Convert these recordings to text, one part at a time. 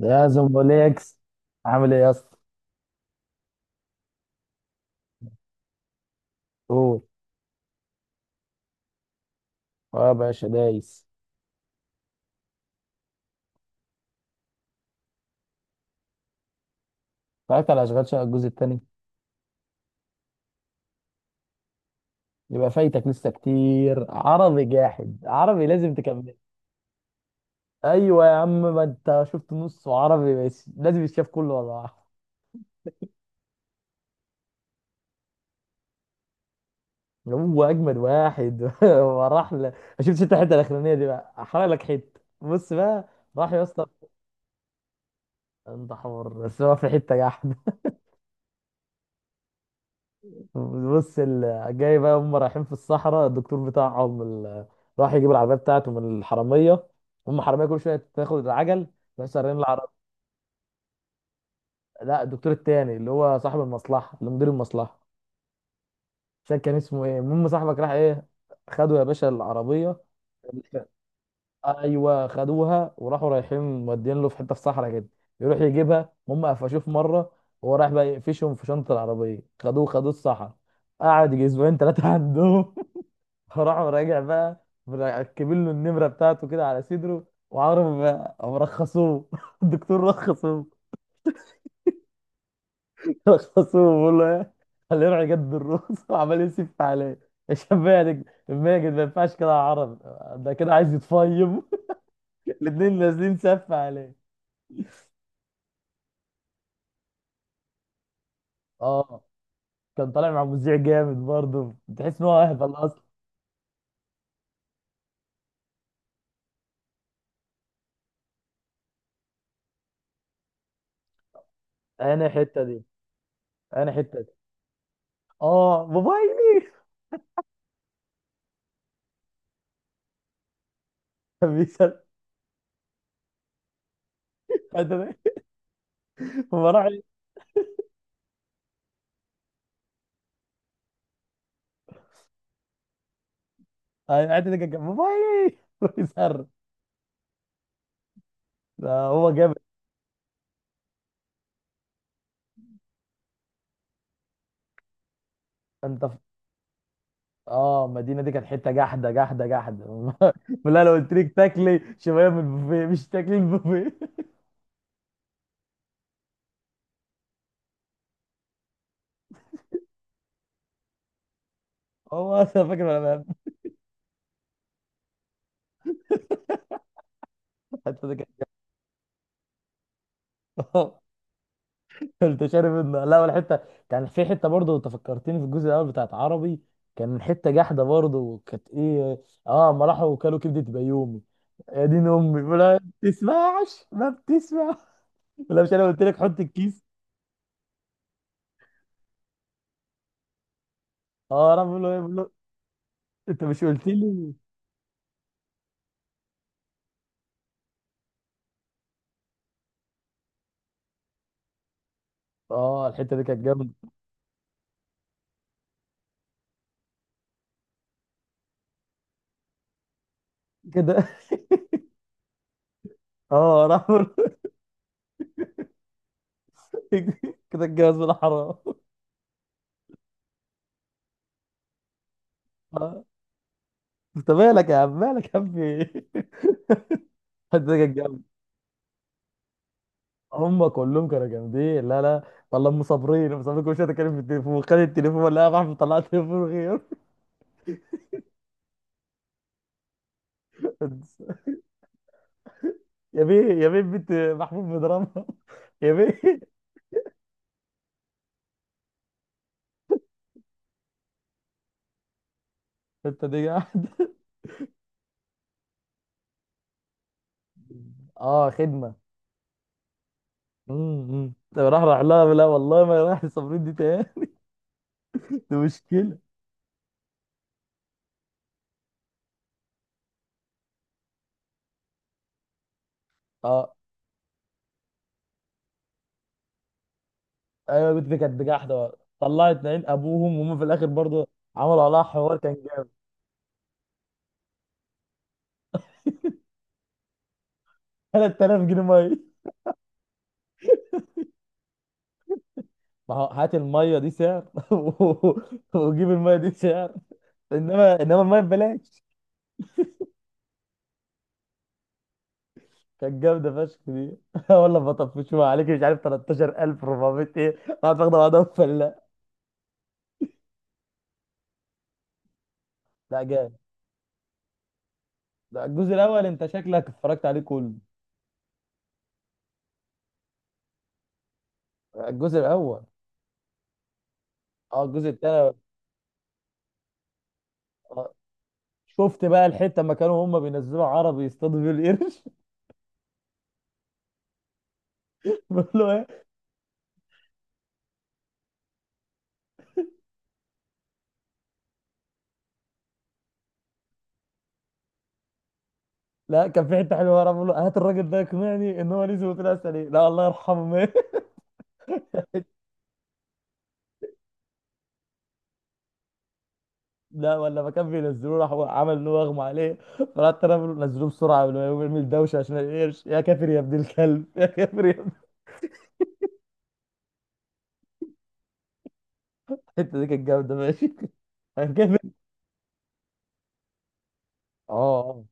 يا زومبوليكس، عامل ايه يا اسطى؟ قول. اه يا باشا دايس. اتفرجت على اشغال شقه الجزء الثاني؟ يبقى فايتك لسه كتير. عربي جاحد، عربي لازم تكمل. ايوه يا عم، ما انت شفت نص عربي بس، لازم يتشاف كله. ولا واحد هو اجمد واحد. ما شفتش انت الحته الاخرانيه دي؟ بقى احرق لك حته، بص بقى. راح يا اسطى. انت حمار بس، هو في حته جاحد. بص، جاي بقى، هم رايحين في الصحراء، الدكتور بتاعهم راح يجيب العربيه بتاعته من الحراميه. هم حراميه كل شويه تاخد العجل، بس سارقين العربيه. لا، الدكتور التاني اللي هو صاحب المصلحه، اللي مدير المصلحه. مش فاكر كان اسمه ايه. المهم، صاحبك راح ايه؟ خدوا يا باشا العربيه. ايوه خدوها وراحوا، رايحين مودين له في حته، في صحراء كده يروح يجيبها. هم قفشوه في مره وهو رايح بقى يقفشهم في شنطه العربيه. خدوه خدوه الصحراء، قعد يجي اسبوعين ثلاثه عندهم. فراح راجع بقى مركبين له النمره بتاعته كده على صدره، وعمره ما مرخصوه. الدكتور رخصوه، رخصوه. بيقول له ايه؟ خليه يروح يجدد الرخص. وعمال يسف عليه. يا شباب، ماجد ماجد ما ينفعش كده يا عرب، ده كده عايز يتفيم. الاتنين نازلين سف عليه. اه. كان طالع مع مذيع جامد برضه، تحس ان هو اهبل اصلا. انا الحته دي، انا الحته دي. اه موبايلي. كان بيسال. فراح. ايوه الحته دي كانت موبايلي. يسر، ده هو جامد. انت ف... اه المدينه دي كانت حته جحده جحده جحده. لا، لو قلت لك تاكلي شويه من البوفيه، مش تاكلي البوفيه. هو اصلا فاكر انا. الحته دي كانت. آه، لا، والحته كان في حته برضه، انت فكرتني في الجزء الاول بتاعت عربي. كان حته جحده برضه، وكانت ايه؟ اه، ما راحوا وكلوا كبده بيومي. يا دين امي، ولا بتسمعش؟ ما بتسمع. ولا، مش انا قلت لك حط الكيس؟ اه راح بيقول له ايه؟ انت مش قلت لي؟ اه الحته دي كانت جامده كده. اه راح بقول- كده اتجوز ولا حرام؟ آه. انت مالك يا عم، مالك يا عم، في ايه؟ الحته دي كانت جامده. هم كلهم كانوا جامدين. لا لا، والله ام صابرين، ام صابرين كل شويه تتكلم في التليفون. خد التليفون لا يا محمود، طلع تليفون غير. يا بيه، يا بيه، بنت محمود بيضربها. يا بيه، انت دي قاعد. اه خدمه. راح لها. لا والله، ما راح صابرين دي تاني. دي مشكله. اه. ايوه البت دي كانت بجحده. طلعت عين ابوهم وهم في الاخر برضه عملوا عليها حوار كان جامد. 3000 جنيه ميه! ما هو هات الميه دي سعر، و- وجيب الميه دي سعر. انما الميه ببلاش. كانت جامده فشخ دي. والله بطفشوها عليك، مش عارف 13400 ايه، قاعد واخده بعضها فلا. لا جامد. ده الجزء الاول انت شكلك اتفرجت عليه كله؟ الجزء الاول. اه، الجزء الثاني. شفت بقى الحته لما كانوا هم بينزلوا عربي يصطادوا بيه القرش؟ بقول له إيه؟ لا كان في حته حلوه ورا، بقول له هات الراجل ده يقنعني ان هو نزل واترقص عليه، لا الله يرحمه مات. لا، ولا ما كان بينزلوه، راح هو عمل ان هو اغمى عليه. فرحت انا بقول له نزلوه بسرعه قبل ما يقوم يعمل دوشه عشان القرش. يا كافر يا ابن الكلب، يا كافر يا ابن. الحته دي كانت جامده ماشي. يا كافر. اه.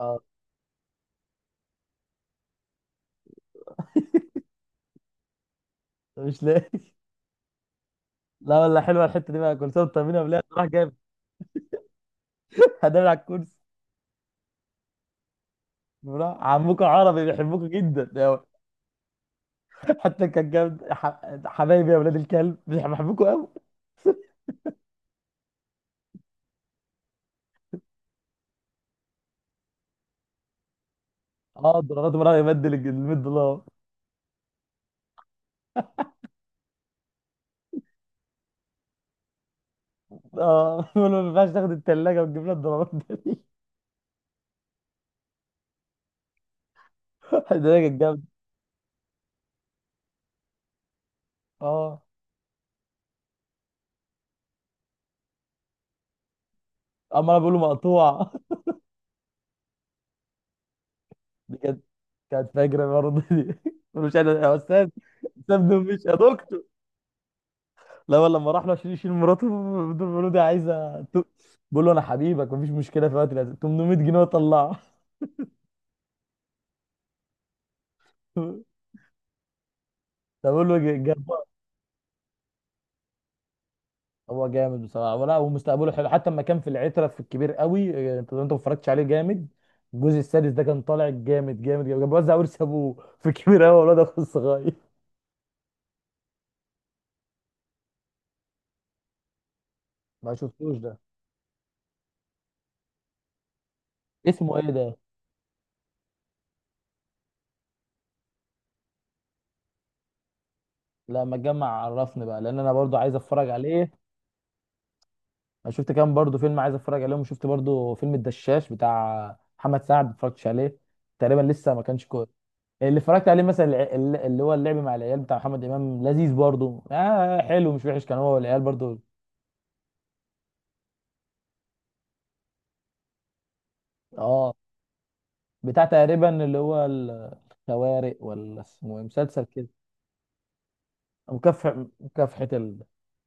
اه. مش لاقي. لا، ولا حلوه الحته دي بقى، كل سنه وانت طمنا بالله، راح جايب. هدام على الكرسي. راح عمكم عربي بيحبوكوا جدا. حتى كان جامد، حبايبي يا ولاد الكلب بيحبوكوا قوي. اه الدولارات، مرة يبدل ال 100 دولار. اه. بيقول له ما ينفعش تاخد الثلاجه وتجيب لها الدولارات ده. ده كانت جامده. اه، اما انا بقول له مقطوع. دي كانت. كانت فاجره برضه دي. بقول له مش انا يا استاذ، استاذ مش يا دكتور. لا والله، لما راح له عشان يشيل مراته. بيقول له دي عايزه بقول له انا حبيبك مفيش مشكله، في وقت لازم 800 جنيه وطلعه. طب بقول له جاب. هو جامد بصراحه، ولا ومستقبله حلو، حتى لما كان في العتره في الكبير قوي. انت ما اتفرجتش عليه؟ جامد. الجزء السادس ده كان طالع جامد جامد جامد، كان بيوزع ورث ابوه في الكبير قوي، والواد اخو الصغير. ما شفتوش ده. اسمه ايه ده؟ لا ما تجمع عرفني بقى، لان انا برضو عايز اتفرج عليه. انا شفت كام برضو فيلم عايز اتفرج عليهم، وشفت برضو فيلم الدشاش بتاع محمد سعد، ما اتفرجتش عليه تقريبا لسه، ما كانش كويس. اللي اتفرجت عليه مثلا اللي هو اللعب مع العيال بتاع محمد امام، لذيذ برضو، آه حلو مش وحش، كان هو والعيال برضو. اه بتاع تقريبا اللي هو الخوارق، ولا اسمه إيه؟ مسلسل كده، مكافح مكافحة ال...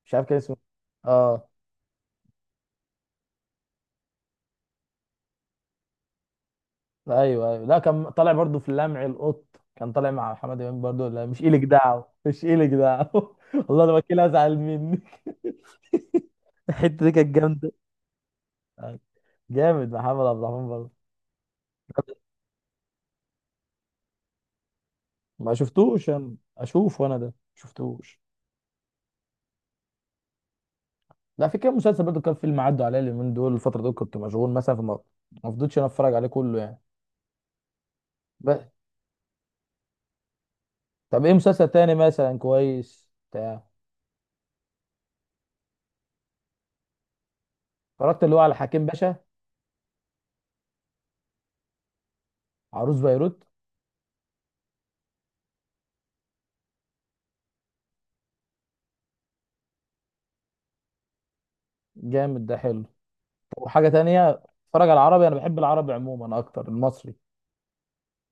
مش عارف كان اسمه إيه. اه. لا، ايوه ايوه، لا كان طالع برضو في لمع القط، كان طالع مع محمد امام برضو. لا مش إلك دعوه، مش إلك دعوه. والله انا بكيل ازعل منك. الحته دي كانت جامده. آه، جامد محمد عبد الرحمن برضه. ما شفتوش، انا اشوف وانا ده ما شفتوش. لا، في كام مسلسل برضه كان فيلم، عدوا عليا اليومين دول، الفتره دول كنت مشغول مثلا فما ما فضلتش انا اتفرج عليه كله يعني. طب ايه مسلسل تاني مثلا كويس بتاع؟ اتفرجت اللي هو على حكيم باشا؟ عروس بيروت. جامد ده، حلو. طب وحاجه تانية اتفرج؟ على العربي، انا بحب العربي عموما اكتر المصري.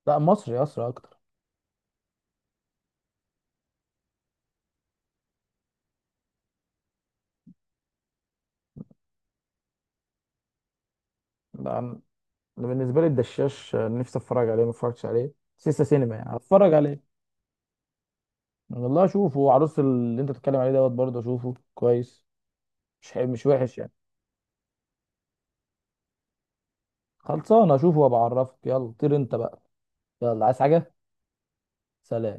لا مصري اصلا اكتر. لا انا، أنا بالنسبه لي الدشاش نفسي اتفرج عليه، ما اتفرجتش عليه. سيسا سينما يعني هتفرج عليه، والله اشوفه. وعروس اللي انت بتتكلم عليه دوت برضه اشوفه كويس، مش حلو مش وحش يعني. خلصان اشوفه وابقى اعرفك. يلا طير انت بقى. يلا عايز حاجه؟ سلام.